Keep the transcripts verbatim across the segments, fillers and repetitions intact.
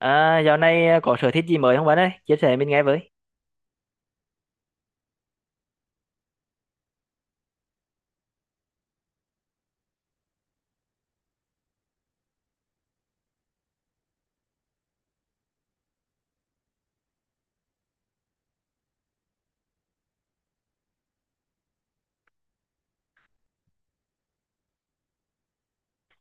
À, dạo này à, có sở thích gì mới không bạn ơi? Chia sẻ mình nghe với.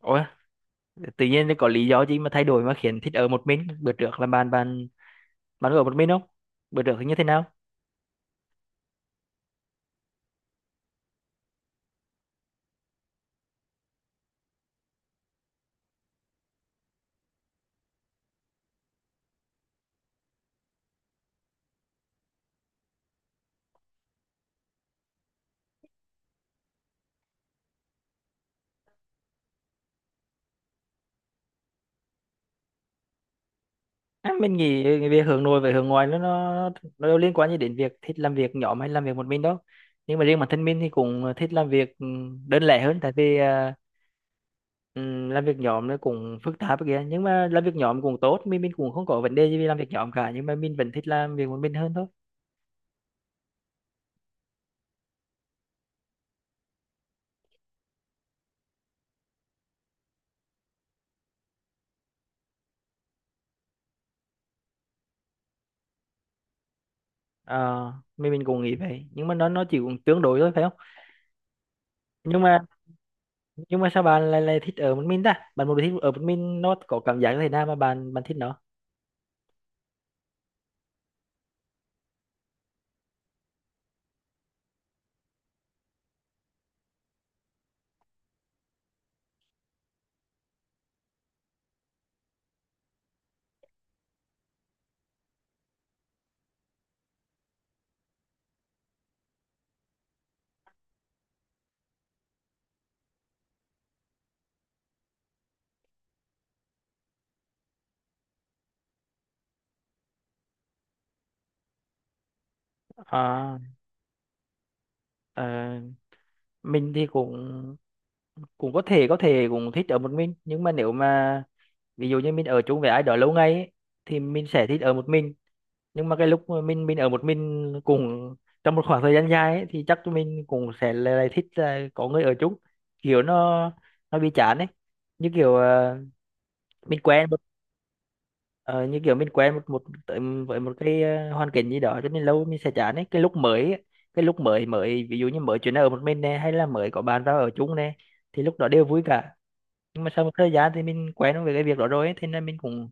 Ủa, tự nhiên có lý do gì mà thay đổi mà khiến thích ở một mình? Bữa trước là bạn bạn bạn có ở một mình không? Bữa trước thì như thế nào? À, mình nghĩ cái việc hướng nội với hướng ngoại nó nó nó đâu liên quan gì đến việc thích làm việc nhóm hay làm việc một mình đâu. Nhưng mà riêng bản thân mình thì cũng thích làm việc ừ, đơn lẻ hơn tại vì à, ừm, làm việc nhóm nó cũng phức tạp kìa, nhưng mà làm việc nhóm cũng tốt, mình mình cũng không có vấn đề gì vì làm việc nhóm cả nhưng mà mình vẫn thích làm việc một mình hơn thôi. Ờ, mình mình cũng nghĩ vậy nhưng mà nó nó chỉ cũng tương đối thôi phải không nhưng mà nhưng mà sao bạn lại lại thích ở một mình ta bạn một thích ở một mình nó có cảm giác như thế nào mà bạn bạn thích nó. À, ờ, mình thì cũng cũng có thể có thể cũng thích ở một mình nhưng mà nếu mà ví dụ như mình ở chung với ai đó lâu ngày ấy, thì mình sẽ thích ở một mình nhưng mà cái lúc mà mình mình ở một mình cùng trong một khoảng thời gian dài ấy, thì chắc mình cũng sẽ lại lại thích là có người ở chung kiểu nó nó bị chán ấy như kiểu ờ, mình quen một ờ, như kiểu mình quen một một tới với một cái ờ, hoàn cảnh gì đó cho nên lâu mình sẽ chán ấy cái lúc mới ấy, cái lúc mới mới ví dụ như mới chuyển ở một mình này hay là mới có bạn vào ở chung này thì lúc đó đều vui cả nhưng mà sau một thời gian thì mình quen với cái việc đó rồi ấy, thế nên mình cũng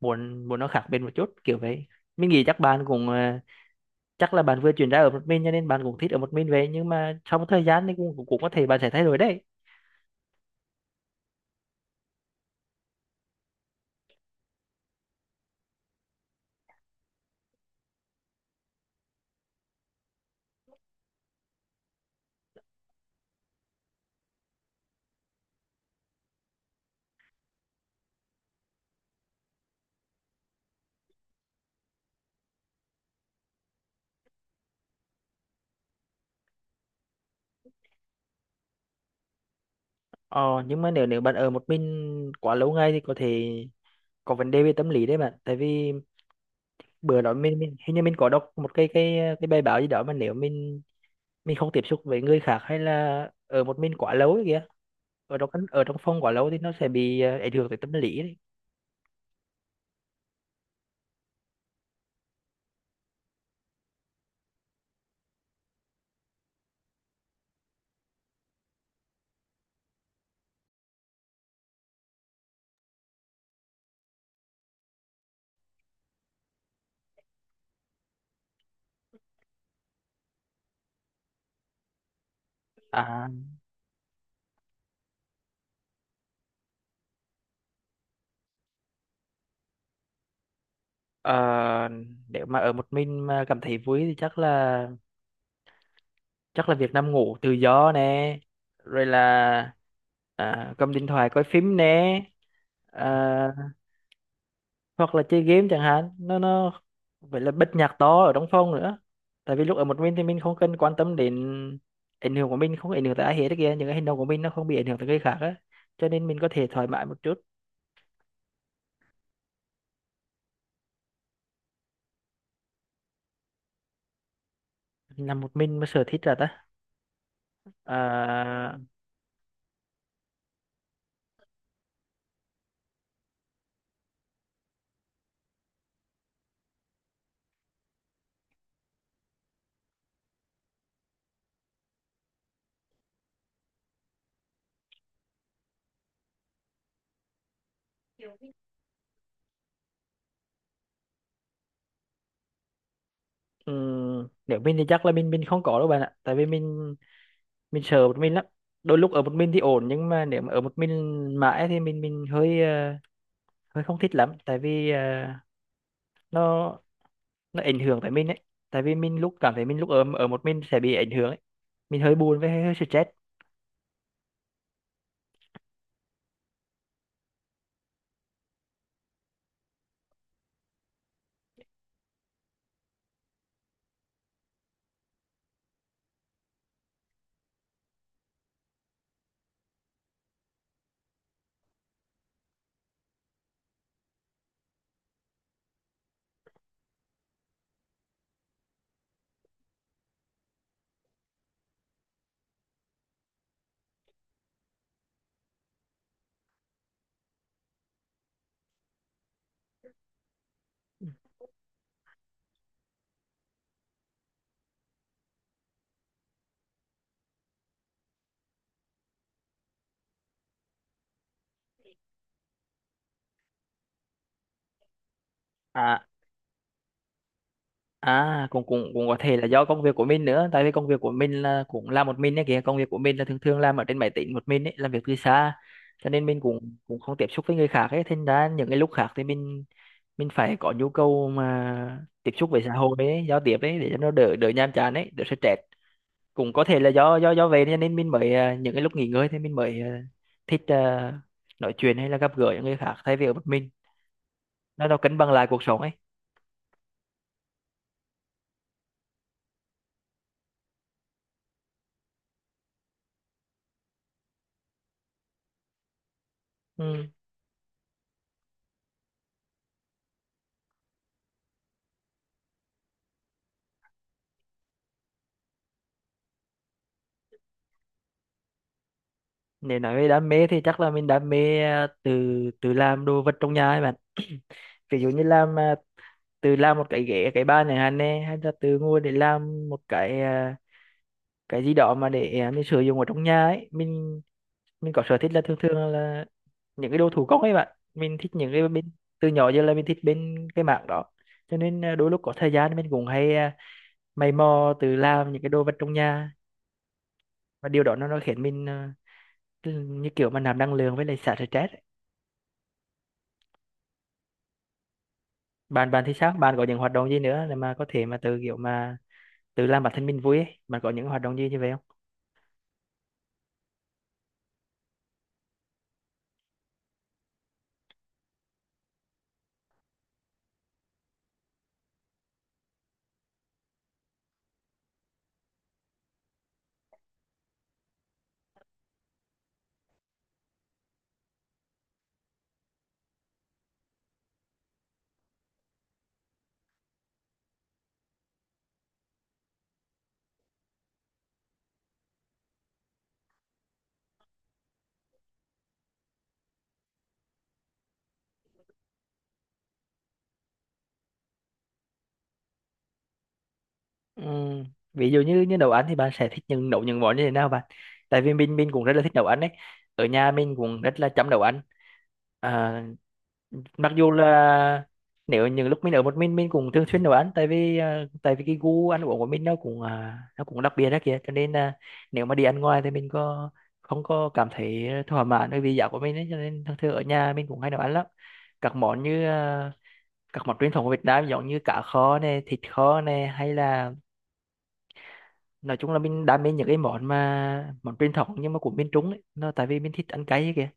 muốn muốn nó khác biệt một chút kiểu vậy. Mình nghĩ chắc bạn cũng ờ, chắc là bạn vừa chuyển ra ở một mình cho nên bạn cũng thích ở một mình vậy nhưng mà sau một thời gian thì cũng cũng cũng có thể bạn sẽ thay đổi đấy. Ờ, nhưng mà nếu nếu bạn ở một mình quá lâu ngày thì có thể có vấn đề về tâm lý đấy bạn, tại vì bữa đó mình, mình hình như mình có đọc một cái cái cái bài báo gì đó mà nếu mình mình không tiếp xúc với người khác hay là ở một mình quá lâu ấy kìa ở trong căn- ở trong phòng quá lâu thì nó sẽ bị ờ, ảnh hưởng tới tâm lý đấy. À, ờ, nếu mà ở một mình mà cảm thấy vui thì chắc là chắc là việc nằm ngủ tự do nè, rồi là à, cầm điện thoại coi phim nè, à, hoặc là chơi game chẳng hạn nó nó vậy là bật nhạc to ở trong phòng nữa tại vì lúc ở một mình thì mình không cần quan tâm đến ảnh hưởng của mình không ảnh hưởng tới ai hết kia những cái hành động của mình nó không bị ảnh hưởng tới người khác á cho nên mình có thể thoải mái một chút. Làm một mình mà sở thích là ta. à, ừm, Nếu mình thì chắc là mình mình không có đâu bạn ạ tại vì mình mình sợ một mình lắm, đôi lúc ở một mình thì ổn nhưng mà nếu mà ở một mình mãi thì mình mình hơi ờ, hơi không thích lắm tại vì ờ, nó nó ảnh hưởng tới mình ấy tại vì mình lúc cảm thấy mình lúc ở ở một mình sẽ bị ảnh hưởng ấy, mình hơi buồn với hơi, hơi stress. À, à cũng cũng cũng có thể là do công việc của mình nữa tại vì công việc của mình là cũng làm một mình ấy kìa công việc của mình là thường thường làm ở trên máy tính một mình ấy làm việc từ xa cho nên mình cũng cũng không tiếp xúc với người khác ấy thành ra những cái lúc khác thì mình mình phải có nhu cầu mà tiếp xúc với xã hội ấy giao tiếp ấy để cho nó đỡ đỡ nhàm chán ấy đỡ stress. Cũng có thể là do do do vậy cho nên mình mới à, những cái lúc nghỉ ngơi thì mình mới à, thích à, nói chuyện hay là gặp gỡ những người khác thay vì ở một mình, nó nó cân bằng lại cuộc sống ấy. Ừ. Nếu nói về đam mê thì chắc là mình đam mê à, từ từ làm đồ vật trong nhà ấy bạn ví dụ như làm à, từ làm một cái ghế cái bàn này hàn nè hay là từ ngồi để làm một cái à, cái gì đó mà để à, mình sử dụng ở trong nhà ấy, mình mình có sở thích là thường thường là những cái đồ thủ công ấy bạn, mình thích những cái bên từ nhỏ giờ là mình thích bên cái mảng đó cho nên à, đôi lúc có thời gian mình cũng hay à, mày mò tự làm những cái đồ vật trong nhà, và điều đó nó nó khiến mình à, cứ như kiểu mà nạp năng lượng với lại xả stress ấy. Bạn bạn thì sao bạn có những hoạt động gì nữa để mà có thể mà tự kiểu mà tự làm bản thân mình vui ấy, bạn có những hoạt động gì như vậy không? Ừ. Ví dụ như như nấu ăn thì bạn sẽ thích những nấu những món như thế nào bạn? Tại vì mình mình cũng rất là thích nấu ăn đấy. Ở nhà mình cũng rất là chăm nấu ăn. À, mặc dù là nếu những lúc mình ở một mình mình cũng thường xuyên nấu ăn tại vì à, tại vì cái gu ăn uống của mình nó cũng à, nó cũng đặc biệt đó kìa cho nên là nếu mà đi ăn ngoài thì mình có không có cảm thấy thỏa mãn bởi vì giá của mình ấy cho nên thường thường ở nhà mình cũng hay nấu ăn lắm các món như à, các món truyền thống của Việt Nam giống như cá kho này thịt kho này hay là nói chung là mình đam mê những cái món mà món truyền thống nhưng mà của miền Trung ấy, nó tại vì mình thích ăn cay ấy kìa.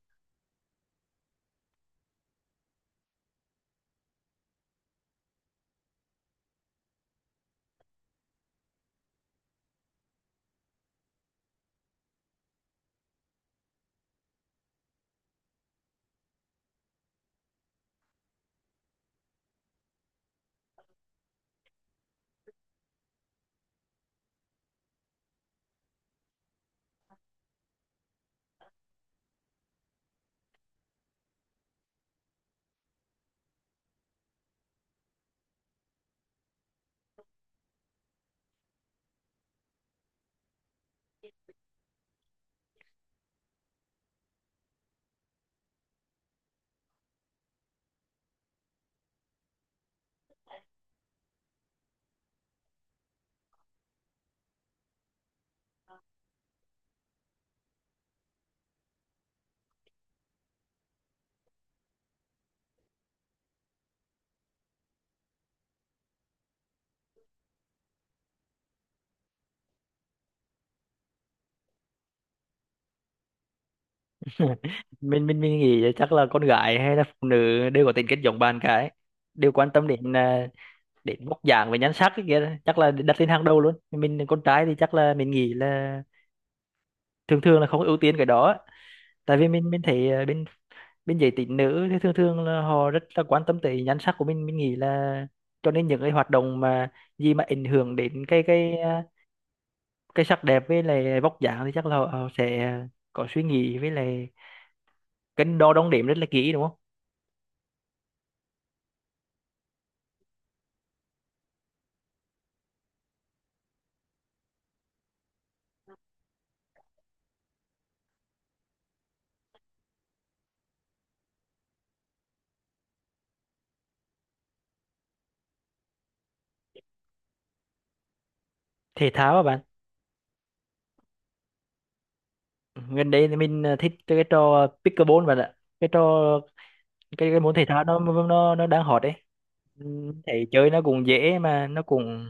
Mình mình mình nghĩ là chắc là con gái hay là phụ nữ đều có tính kết giống bạn cái đều quan tâm đến à, đến vóc dáng và nhan sắc ấy kìa chắc là đặt lên hàng đầu luôn, mình con trai thì chắc là mình nghĩ là thường thường là không ưu tiên cái đó tại vì mình mình thấy à, bên bên giới tính nữ thì thường thường là họ rất là quan tâm tới nhan sắc của mình mình nghĩ là cho nên những cái hoạt động mà gì mà ảnh hưởng đến cái cái à, cái sắc đẹp với lại vóc dáng thì chắc là họ sẽ có suy nghĩ với lại cân đo đong đếm rất là kỹ đúng không. Thể thao các bạn, gần đây thì mình ờ, thích cái trò pickleball bạn ạ, cái trò cái, cái môn thể thao nó nó nó đang hot đấy. Ừm, thấy chơi nó cũng dễ mà nó cũng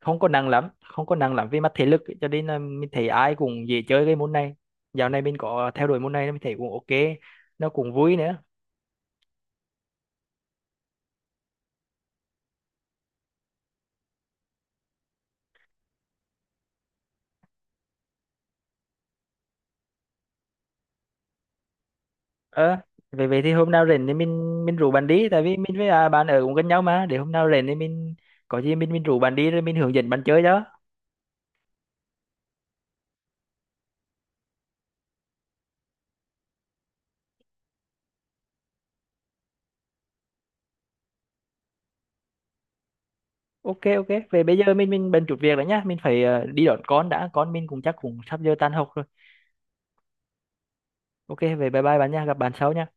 không có nặng lắm không có nặng lắm về mặt thể lực ấy. Cho nên là mình thấy ai cũng dễ chơi cái môn này, dạo này mình có theo đuổi môn này mình thấy cũng ok, nó cũng vui nữa. Ờ, vậy vậy thì hôm nào rảnh thì mình mình rủ bạn đi tại vì mình với à, bạn ở cũng gần nhau mà, để hôm nào rảnh thì mình có gì mình mình rủ bạn đi rồi mình hướng dẫn bạn chơi đó. Ok, ok về bây giờ mình mình bận chút việc rồi nhá, mình phải ờ, đi đón con đã, con mình cũng chắc cũng sắp giờ tan học rồi. Ok về, bye bye bạn nha, gặp bạn sau nha.